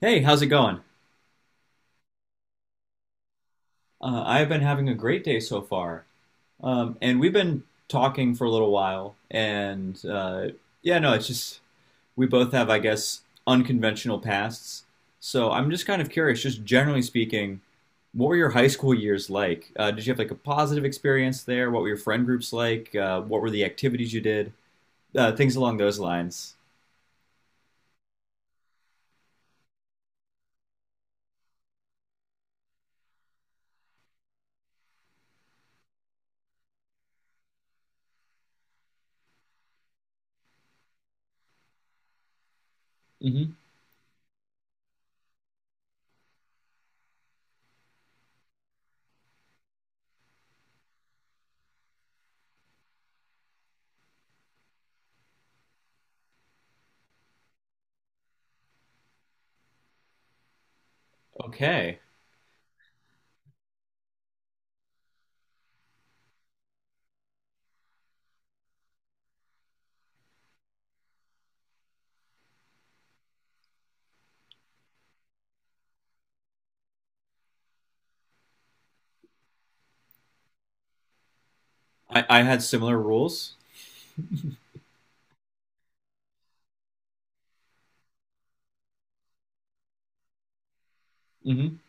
Hey, how's it going? I've been having a great day so far. And we've been talking for a little while. No, it's just we both have, I guess, unconventional pasts. So I'm just kind of curious, just generally speaking, what were your high school years like? Did you have like a positive experience there? What were your friend groups like? What were the activities you did? Things along those lines. Hmm. Okay. I had similar rules. Hmm.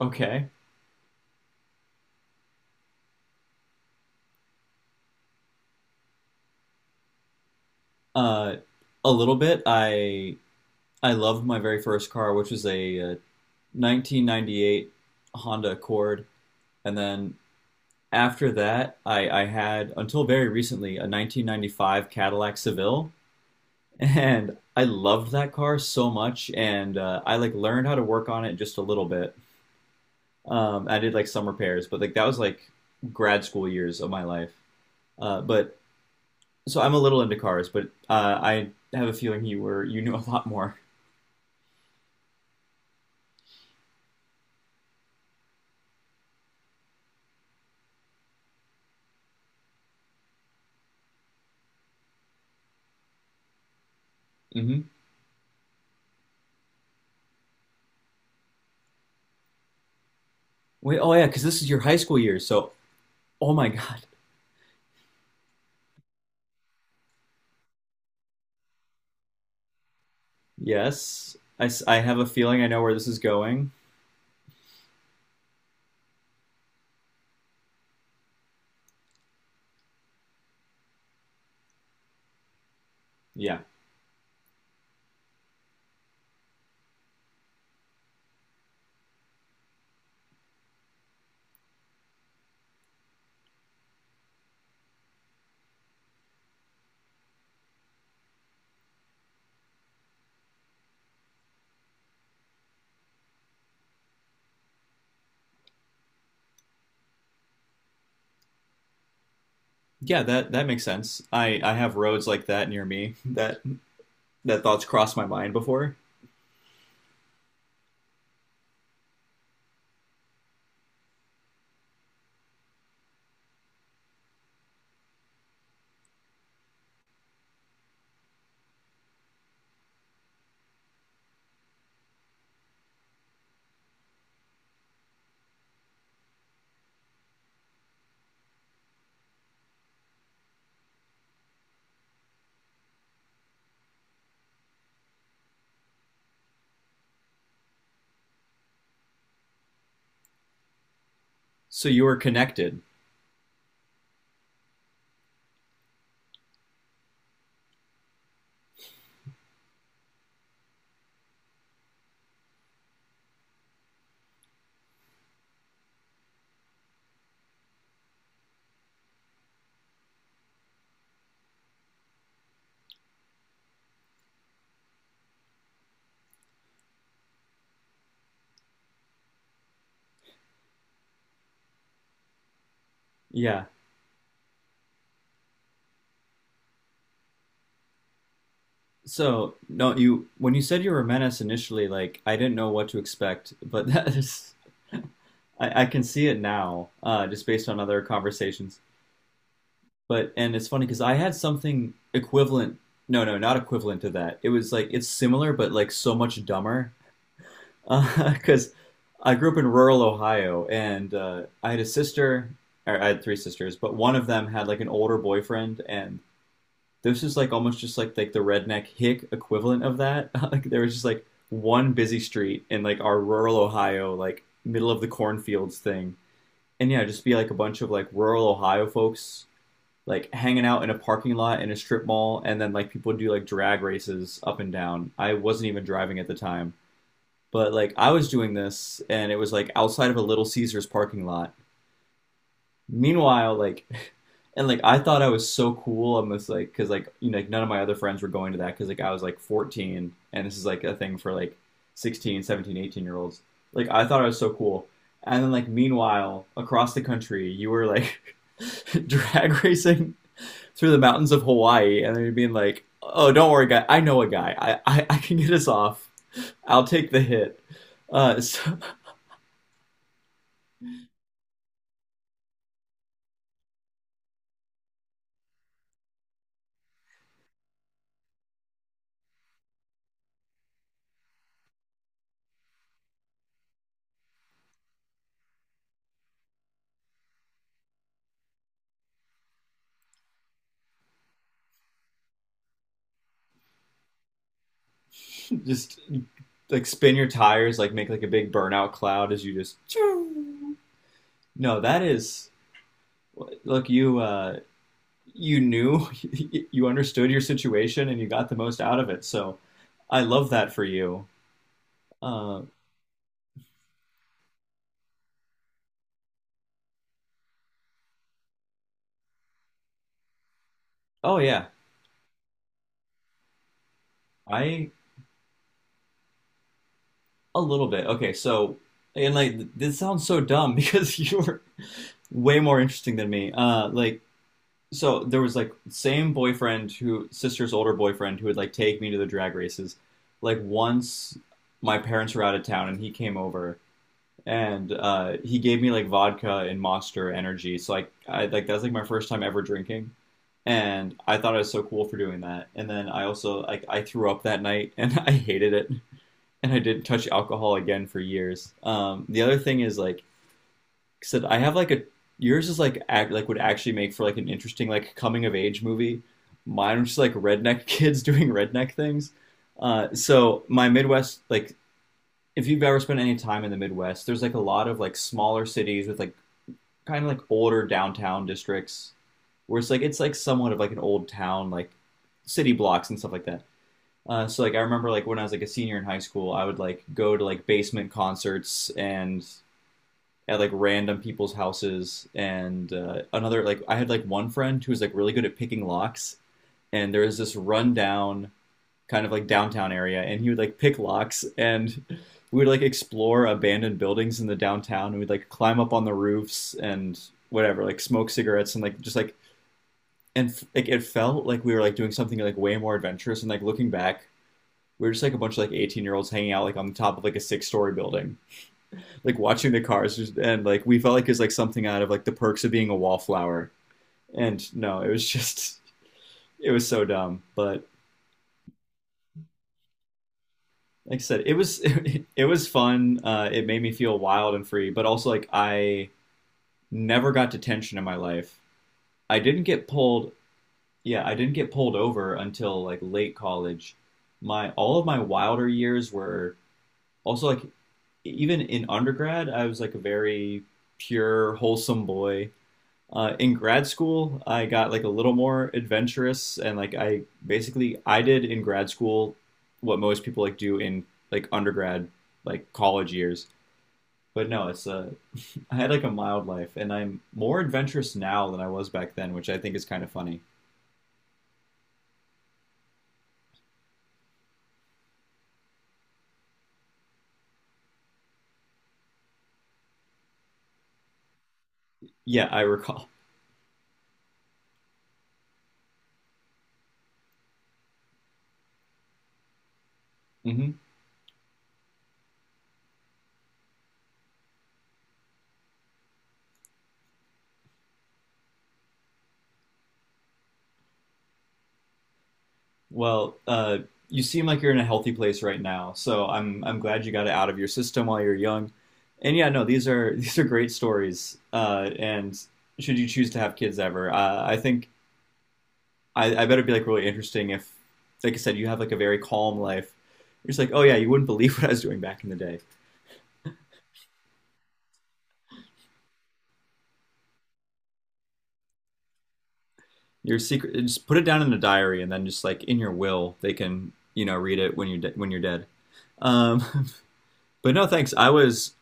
Okay. Uh, a little bit. I loved my very first car, which was a 1998 Honda Accord, and then after that, I had until very recently a 1995 Cadillac Seville, and I loved that car so much, and I like learned how to work on it just a little bit. I did like some repairs, but like that was like grad school years of my life. But So I'm a little into cars, but I have a feeling you knew a lot more. Hmm. Wait, oh yeah, because this is your high school years. So, oh my God. Yes, I have a feeling I know where this is going. Yeah, yeah, that that makes sense. I have roads like that near me. That thoughts crossed my mind before. So you were connected. Yeah. So no, you when you said you were Menace initially, like I didn't know what to expect, but that is I can see it now, just based on other conversations. But and it's funny because I had something equivalent. No, no, not equivalent to that. It was like it's similar, but like so much dumber. Because I grew up in rural Ohio, and I had a sister, or I had three sisters, but one of them had like an older boyfriend, and this is like almost just like the redneck hick equivalent of that. Like there was just like one busy street in like our rural Ohio, like middle of the cornfields thing. And yeah, just be like a bunch of like rural Ohio folks like hanging out in a parking lot in a strip mall and then like people do like drag races up and down. I wasn't even driving at the time. But like I was doing this and it was like outside of a Little Caesars parking lot. Meanwhile, like, and like I thought I was so cool on this, like, because like you know, like none of my other friends were going to that because like I was like 14 and this is like a thing for like 16, 17, 18-year-olds. Like I thought I was so cool, and then like meanwhile across the country you were like drag racing through the mountains of Hawaii, and then you're being like, oh, don't worry, guy, I know a guy, I can get us off, I'll take the hit. So just like spin your tires, like make like a big burnout cloud as you just. No, that is look you you knew you understood your situation and you got the most out of it. So I love that for you. Uh, oh yeah, I a little bit. Okay, so and like this sounds so dumb because you were way more interesting than me. Like so there was like same boyfriend who sister's older boyfriend who would like take me to the drag races. Like once my parents were out of town and he came over and he gave me like vodka and Monster Energy. So like I like that's like my first time ever drinking. And I thought I was so cool for doing that. And then I also like I threw up that night and I hated it. And I didn't touch alcohol again for years. The other thing is like said I have like a yours is like act, like would actually make for like an interesting like coming of age movie. Mine was just like redneck kids doing redneck things. So my Midwest like if you've ever spent any time in the Midwest, there's like a lot of like smaller cities with like kind of like older downtown districts where it's like somewhat of like an old town like city blocks and stuff like that. So like I remember like when I was like a senior in high school, I would like go to like basement concerts and at like random people's houses and another like I had like one friend who was like really good at picking locks and there was this rundown kind of like downtown area and he would like pick locks and we would like explore abandoned buildings in the downtown and we'd like climb up on the roofs and whatever like smoke cigarettes and like just like and like it felt like we were like doing something like way more adventurous and like looking back we were just like a bunch of like 18-year-olds hanging out like on the top of like a six-story building like watching the cars just- and like we felt like it was like something out of like the perks of being a wallflower and no it was just it was so dumb but like I said it was it was fun it made me feel wild and free but also like I never got detention in my life I didn't get pulled yeah I didn't get pulled over until like late college my all of my wilder years were also like even in undergrad I was like a very pure wholesome boy. In grad school, I got like a little more adventurous and like I did in grad school what most people like do in like undergrad, like college years. But no, it's I had like a mild life and I'm more adventurous now than I was back then, which I think is kind of funny. Yeah, I recall. Hmm. Well, you seem like you're in a healthy place right now, so I'm glad you got it out of your system while you're young. And yeah, no, these are these are great stories. And should you choose to have kids ever, I think I bet it'd be like really interesting if, like I said, you have like a very calm life. You're just like, oh yeah, you wouldn't believe what I was doing back in the day. Your secret, just put it down in a diary, and then just like in your will, they can you know read it when you're when you're dead. Um, but no, thanks. I was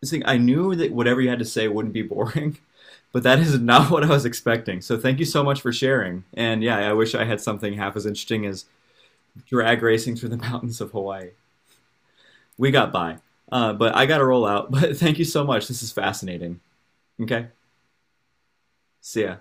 this thing, I knew that whatever you had to say wouldn't be boring, but that is not what I was expecting. So thank you so much for sharing. And yeah, I wish I had something half as interesting as drag racing through the mountains of Hawaii. We got by, but I got to roll out. But thank you so much. This is fascinating. Okay, see ya.